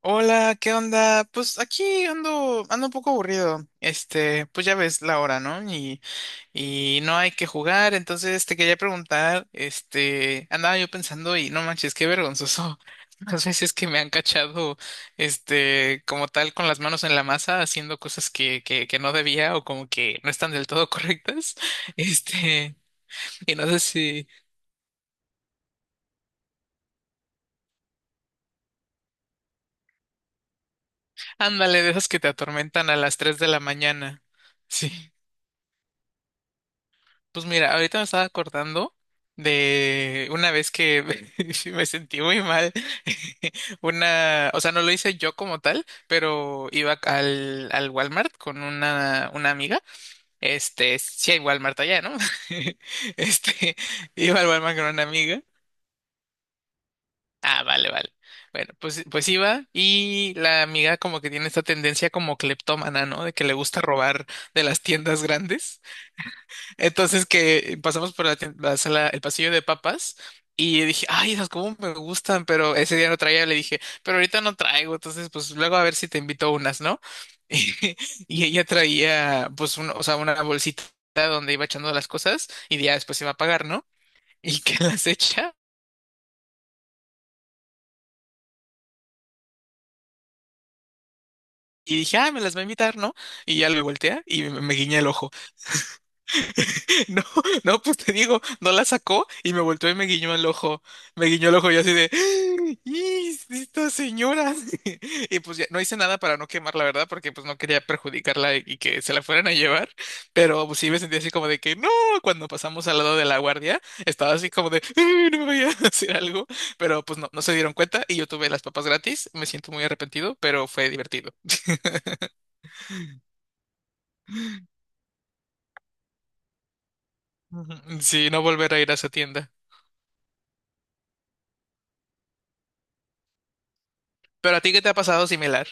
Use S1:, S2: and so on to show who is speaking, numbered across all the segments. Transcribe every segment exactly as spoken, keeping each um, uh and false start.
S1: Hola, ¿qué onda? Pues aquí ando, ando un poco aburrido. Este, pues ya ves la hora, ¿no? Y, y no hay que jugar, entonces te quería preguntar, este, andaba yo pensando y no manches, qué vergonzoso. Las veces que me han cachado, este, como tal, con las manos en la masa, haciendo cosas que, que, que no debía o como que no están del todo correctas. Este, y no sé si, ándale, de esas que te atormentan a las tres de la mañana. Sí. Pues mira, ahorita me estaba acordando de una vez que me sentí muy mal. Una, o sea, no lo hice yo como tal, pero iba al, al Walmart con una, una amiga. Este, sí hay Walmart allá, ¿no? Este, iba al Walmart con una amiga. Ah, vale, vale. Bueno, pues, pues iba y la amiga como que tiene esta tendencia como cleptómana, ¿no? De que le gusta robar de las tiendas grandes. Entonces que pasamos por la, tien- la sala, el pasillo de papas y dije, ay, esas cómo me gustan, pero ese día no traía, le dije, pero ahorita no traigo, entonces pues luego a ver si te invito unas, ¿no? Y ella traía pues un- o sea, una bolsita donde iba echando las cosas y ya después iba a pagar, ¿no? Y que las echa. Y dije, ah, me las va a invitar, ¿no? Y ya le voltea y me, me guiña el ojo. No, no, pues te digo, no la sacó y me volteó y me guiñó el ojo. Me guiñó el ojo y yo así de, ¡y esta señora! Y pues ya no hice nada para no quemar, la verdad, porque pues no quería perjudicarla y que se la fueran a llevar. Pero pues sí me sentí así como de que, ¡no! Cuando pasamos al lado de la guardia, estaba así como de, "¡Ay, no me vaya a hacer algo!" Pero pues no, no se dieron cuenta y yo tuve las papas gratis. Me siento muy arrepentido, pero fue divertido. Ujú. Sí, no volver a ir a esa tienda. Pero a ti, ¿qué te ha pasado similar?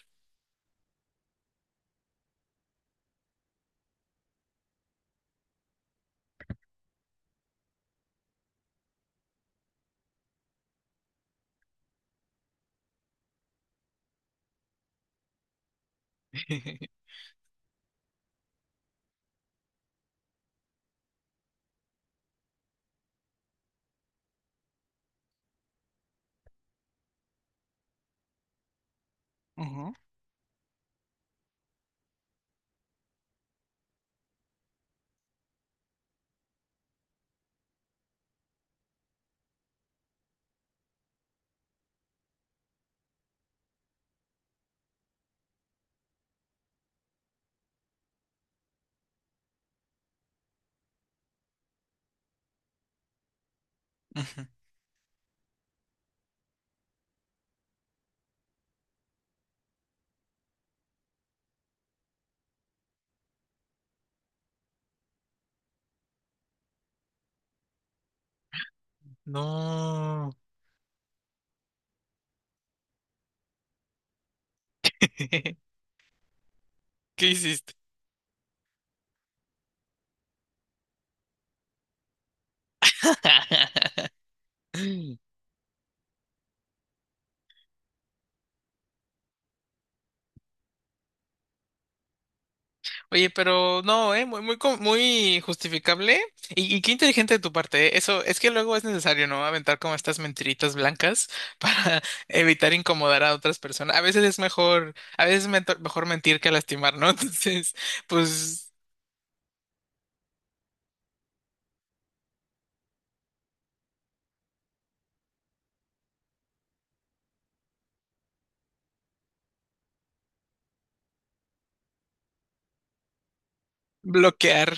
S1: Ujú. Ujú. No. ¿Qué hiciste? Oye, pero no, ¿eh? Muy, muy, co- muy justificable. Y, y qué inteligente de tu parte, ¿eh? Eso es que luego es necesario, ¿no? Aventar como estas mentiritas blancas para evitar incomodar a otras personas. A veces es mejor, a veces es mento- mejor mentir que lastimar, ¿no? Entonces, pues bloquear.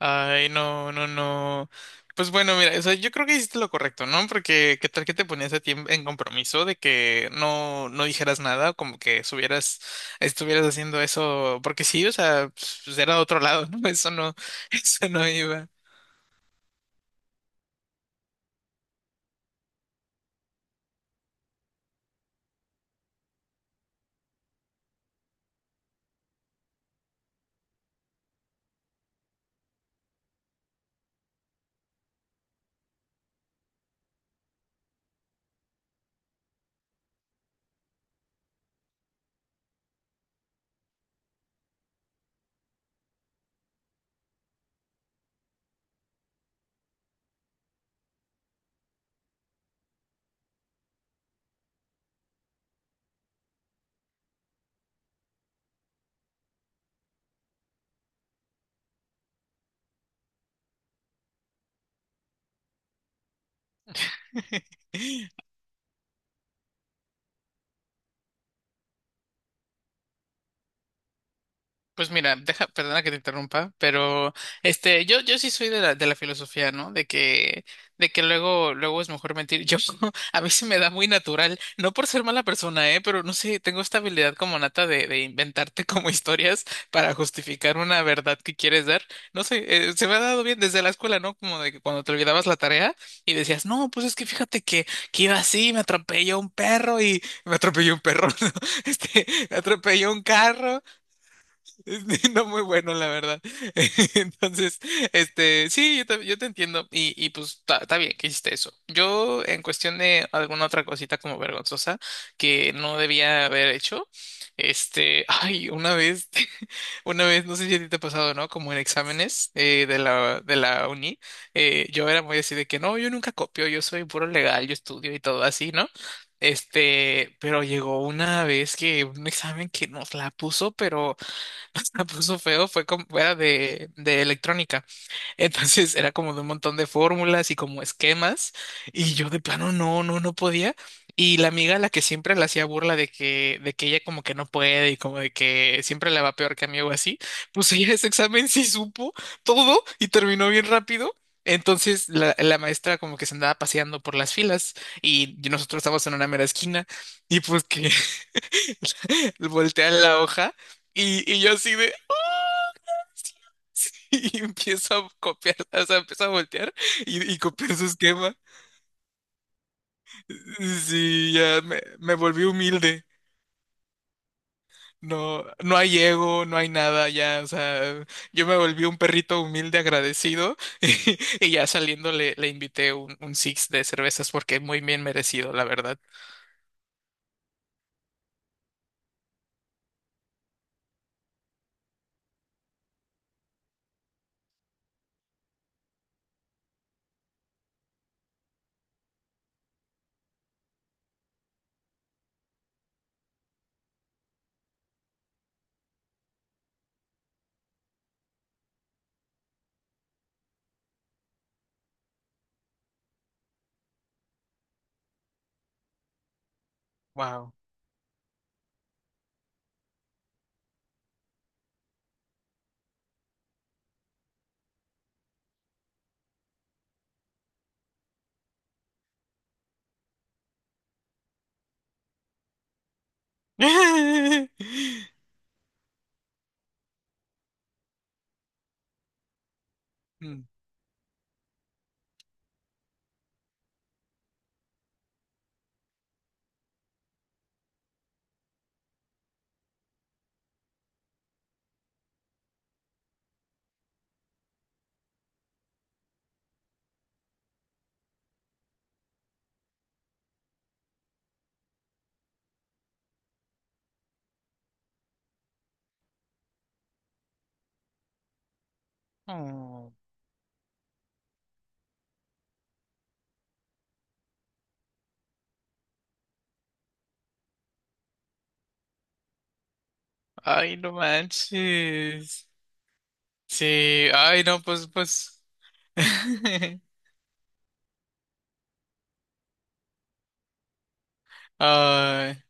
S1: Ay, no, no, no. Pues bueno, mira, o sea, yo creo que hiciste lo correcto, ¿no? Porque qué tal que te ponías a ti en en compromiso de que no, no dijeras nada, como que subieras, estuvieras haciendo eso, porque sí, o sea, pues, pues, era otro lado, ¿no? Eso no, eso no iba. Pues mira, deja, perdona que te interrumpa, pero este, yo, yo sí soy de la, de la filosofía, ¿no? De que, de que luego, luego es mejor mentir. Yo, a mí se me da muy natural, no por ser mala persona, ¿eh? Pero no sé, tengo esta habilidad como nata de, de inventarte como historias para justificar una verdad que quieres dar. No sé, eh, se me ha dado bien desde la escuela, ¿no? Como de que cuando te olvidabas la tarea y decías, no, pues es que fíjate que, que iba así, me atropelló un perro y me atropelló un perro, ¿no? Este, me atropelló un carro. No muy bueno, la verdad. Entonces, este, sí, yo te, yo te entiendo. Y, y pues está está bien que hiciste eso. Yo, en cuestión de alguna otra cosita como vergonzosa que no debía haber hecho, este, ay, una vez, una vez, no sé si a ti te ha pasado, ¿no? Como en exámenes eh, de la, de la uni, eh, yo era muy así de que no, yo nunca copio, yo soy puro legal, yo estudio y todo así, ¿no? Este, pero llegó una vez que un examen que nos la puso, pero la puso feo fue como era de, de electrónica. Entonces era como de un montón de fórmulas y como esquemas. Y yo de plano no, no, no podía. Y la amiga a la que siempre le hacía burla de que, de que ella como que no puede y como de que siempre le va peor que a mí o así, pues ella ese examen sí supo todo y terminó bien rápido. Entonces la, la maestra como que se andaba paseando por las filas y nosotros estábamos en una mera esquina y pues que voltean la hoja y, y yo así de... "Ah, sí, sí", y empiezo a copiar, o sea, empiezo a voltear y, y copiar su esquema. Sí, ya me, me volví humilde. No, no hay ego, no hay nada, ya, o sea, yo me volví un perrito humilde agradecido y, ya saliendo le, le invité un, un six de cervezas porque muy bien merecido, la verdad. Wow. Mm. Oh, ay, no manches. Sí, ay, no, pues, pues. Ay,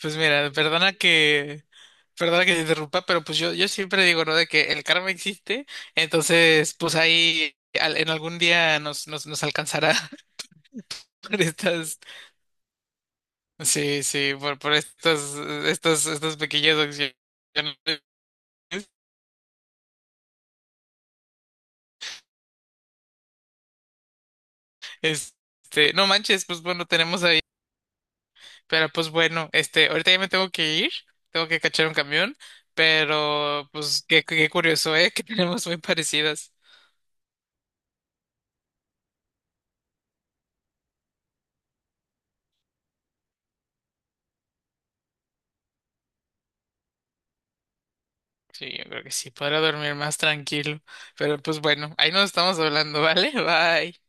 S1: pues mira, perdona que, perdona que te interrumpa, pero pues yo, yo siempre digo, ¿no? De que el karma existe, entonces, pues ahí al- en algún día nos, nos, nos alcanzará. Por estas, sí, sí, por, por estas, estas, estas pequeñas acciones. Este, no manches, pues bueno, tenemos ahí. Pero pues bueno, este, ahorita ya me tengo que ir, tengo que cachar un camión, pero pues qué, qué curioso, ¿eh? Que tenemos muy parecidas. Sí, yo creo que sí, podrá dormir más tranquilo. Pero pues bueno, ahí nos estamos hablando, ¿vale? Bye.